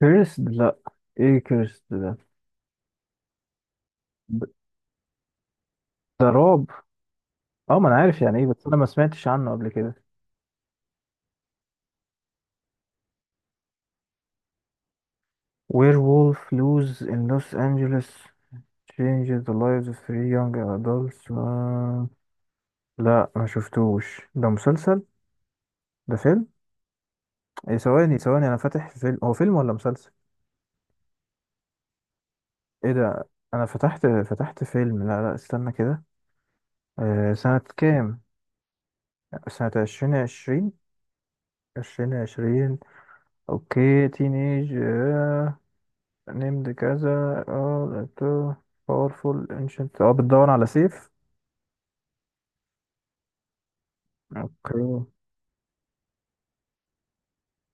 كيرسد، لا. ايه كيرسد ده؟ ب- ده رعب. اه، ما انا عارف يعني ايه، بس انا ما سمعتش عنه قبل كده. وير وولف لوز ان لوس انجلوس changes the lives of three young adults. لا ما شفتوش، ده مسلسل ده فيلم؟ ايه، ثواني ثواني، انا فاتح فيلم، هو فيلم ولا مسلسل؟ ايه ده، انا فتحت فيلم. لا لا، استنى كده. سنة كام؟ سنة عشرين عشرين. 2020. اوكي، تينيج named كذا. اه لقيته. powerful ancient، اه بتدور على سيف. اوكي.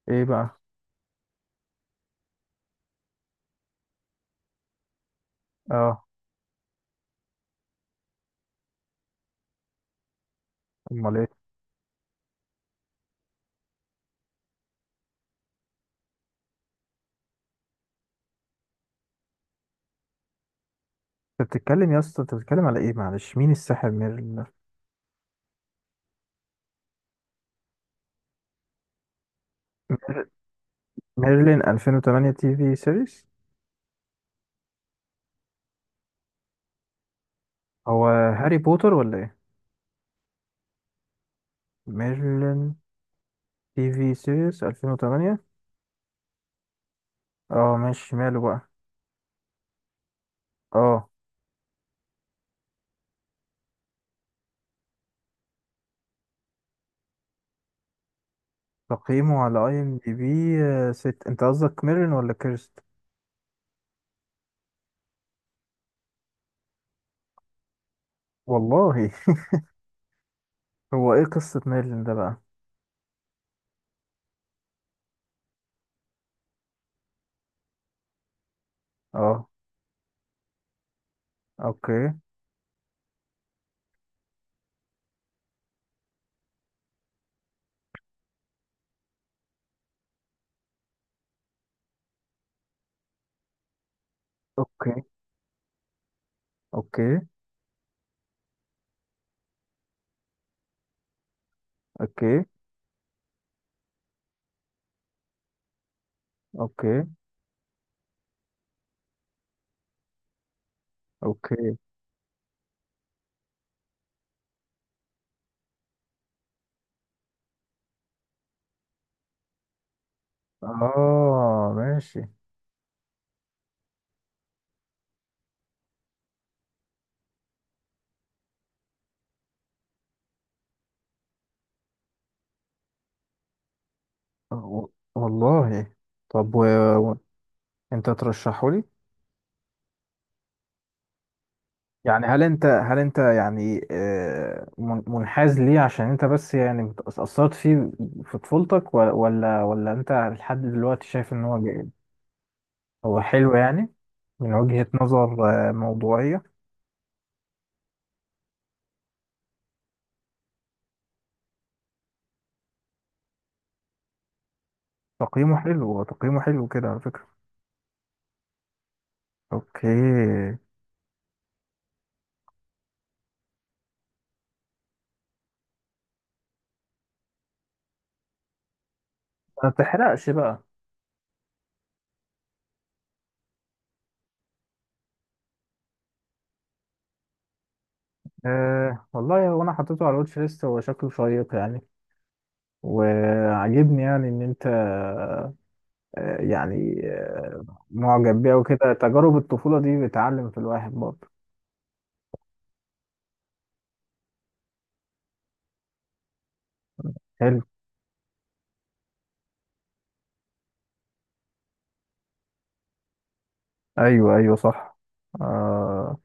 ايه بقى؟ اه، امال ايه. انت بتتكلم يا اسطى، انت بتتكلم على ايه؟ معلش، مين الساحر ميرلين ده؟ ميرلين 2008 تي في سيريس. هو هاري بوتر ولا ايه؟ ميرلين تي في سيريس 2008. اه ماشي، ماله بقى. اه، تقييمه على اي ام دي بي. ست، انت قصدك ميرلين ولا كيرست؟ والله. هو ايه قصة ميرلين ده بقى؟ اه، اوكي، اوكي، اوكي، اوكي، اوكي، اوكي. اه ماشي. آه، و- والله. طب، و... و... انت ترشحه لي؟ يعني هل انت يعني منحاز ليه عشان انت بس يعني اتأثرت فيه في طفولتك، ولا انت لحد دلوقتي شايف ان هو جيد؟ هو حلو يعني، من وجهة نظر موضوعية. تقييمه حلو، هو تقييمه حلو كده على فكرة. اوكي. ما تحرقش بقى. أه والله، هو انا حطيته على الواتش ليست، هو شكله شيق يعني. وعجبني يعني ان انت يعني معجب بيه، وكده تجارب الطفولة دي بتعلم في الواحد برضه. حلو. ايوه، ايوه، صح. أه،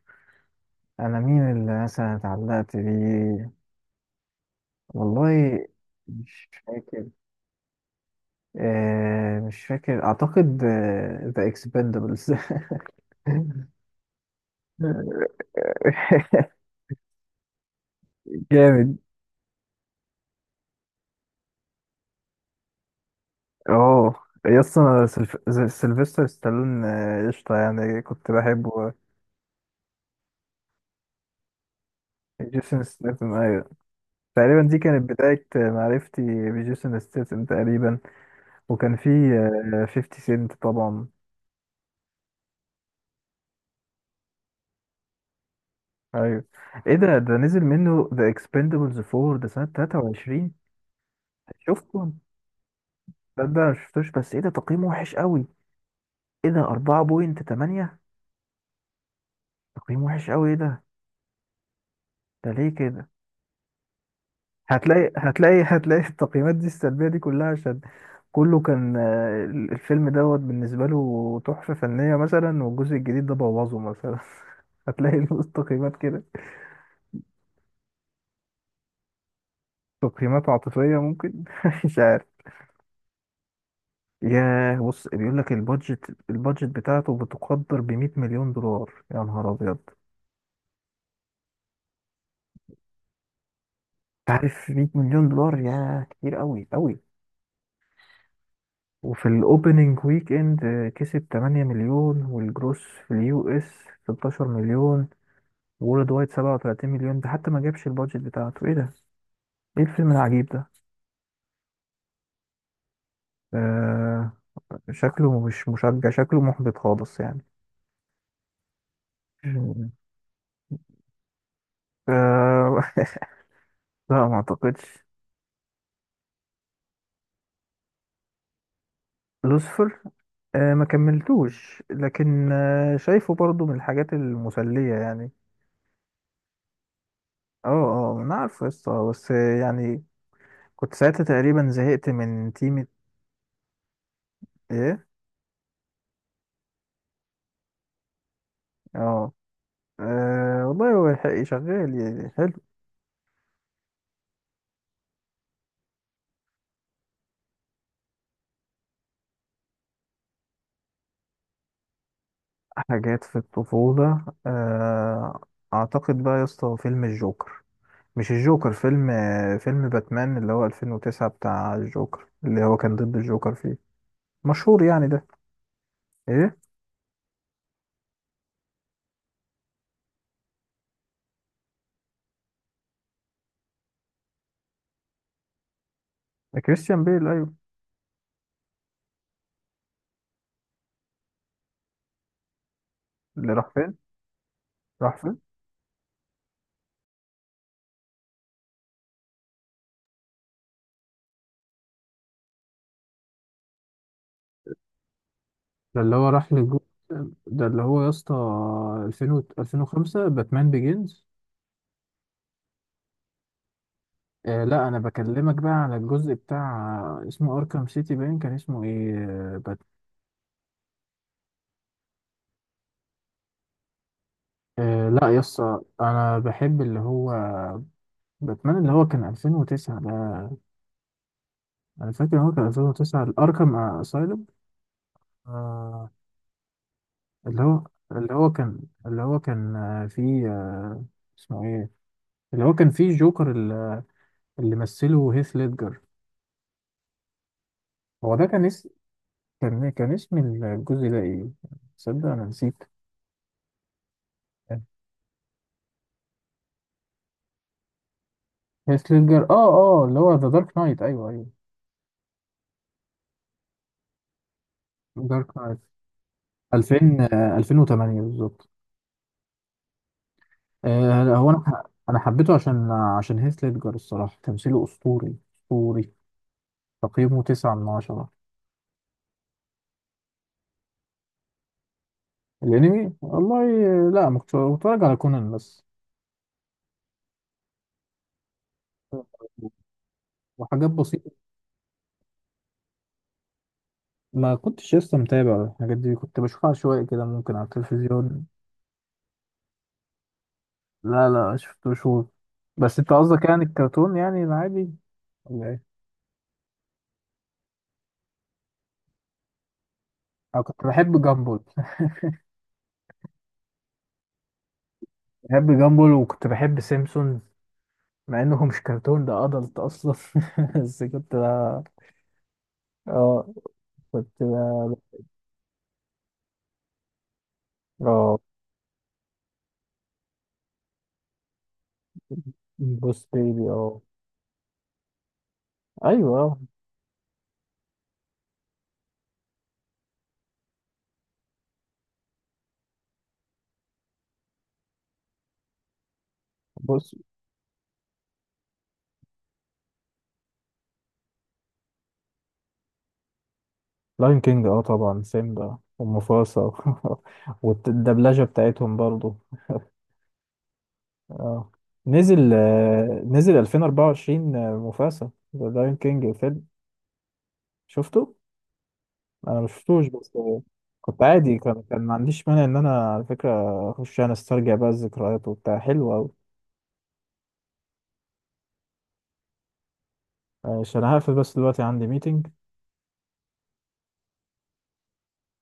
انا مين اللي مثلا اتعلقت بيه؟ والله مش فاكر. أه، مش فاكر اعتقد. ذا اكسبندبلز. جامد. اه، يس، انا سيلفستر ستالون، قشطة يعني، كنت بحبه. جيسون ستاثام، ايوه. تقريبا دي كانت بداية معرفتي بجيسون ستاثام تقريبا. وكان في 50 سنت طبعا. ايوه. ايه ده نزل منه ذا اكسبندبلز 4، ده سنة 23؟ شفته؟ ده أنا مشفتوش. بس ايه ده، تقييمه وحش قوي؟ ايه ده، 4.8؟ تقييم وحش قوي، ايه ده؟ ده ليه كده؟ هتلاقي، هتلاقي، هتلاقي. التقييمات دي السلبية دي كلها عشان كله كان الفيلم دوت بالنسبة له تحفة فنية مثلا، والجزء الجديد ده بوظه مثلا. هتلاقي له تقييمات كده. تقييمات عاطفية، ممكن. مش عارف. ياه، بص بيقول لك البادجت بتاعته بتقدر ب 100 مليون دولار. يا نهار ابيض، انت عارف 100 مليون دولار، يا كتير قوي قوي. وفي الاوبننج ويك اند كسب 8 مليون، والجروس في اليو اس 16 مليون، وولد وايت 37 مليون. ده حتى ما جابش البادجت بتاعته. ايه ده؟ ايه الفيلم العجيب ده؟ آه شكله مش مشجع، شكله محبط خالص يعني. مم. آه. لا، ما اعتقدش. لوسفر. آه ما كملتوش، لكن آه شايفه برضو من الحاجات المسلية يعني. اه اه، انا عارف قصة، بس يعني كنت ساعتها تقريبا زهقت من تيمة. ايه؟ اه. والله هو شغال يعني، حلو. حاجات في الطفولة، أعتقد بقى يا اسطى فيلم الجوكر. مش الجوكر فيلم، فيلم باتمان اللي هو 2009، بتاع الجوكر، اللي هو كان ضد الجوكر فيه، مشهور يعني ده. إيه؟ ده كريستيان بيل، أيوه. اللي راح فين؟ راح فين؟ ده اللي هو راح للجو. ده اللي هو يا اسطى 2000 2005، باتمان بيجينز. آه لا، انا بكلمك بقى على الجزء بتاع اسمه اركام سيتي باين، كان اسمه ايه، آه لا يا اسطى، انا بحب اللي هو باتمان اللي هو كان 2009 ده. انا فاكر إن هو كان 2009 الاركام اسايلم. آه. اللي هو اللي هو كان، اللي هو كان فيه، اسمه ايه، اللي هو كان فيه جوكر، اللي مثله هيث ليدجر. هو ده كان كان اسم الجزء ده ايه؟ تصدق انا نسيت. هيث ليدجر، اه اه، اللي هو ذا دارك نايت، ايوه ايوه. دارك نايت 2000، 2008 بالظبط. آه هو انا ح- انا حبيته عشان هيث ليدجر، الصراحه تمثيله اسطوري، اسطوري. تقييمه 9/10. الأنمي، والله لا، ما كنتش بتفرج على كونان بس وحاجات بسيطة. ما كنتش لسه متابع الحاجات دي، كنت بشوفها شوية كده ممكن على التلفزيون. لا لا، شفتوش هو، بس أنت قصدك يعني الكرتون يعني العادي ولا إيه؟ أنا كنت بحب جامبول. بحب جامبول، وكنت بحب سيمسون. مع إنه مش كرتون ده، أدلت أصلا. بس كنت ب- اه، كنت ب- اه بوس بيبي، اه ايوه بوس. لاين كينج، اه طبعا سيمبا ومفاسا. والدبلجة بتاعتهم برضو. اه نزل، نزل 2024، آه، مفاسا ذا لاين كينج الفيلم. شفته؟ انا مشفتوش بس كنت عادي، كان ما عنديش مانع ان انا على فكرة اخش انا استرجع بقى الذكريات وبتاع، حلو اوي. عشان هقفل بس دلوقتي عندي ميتنج.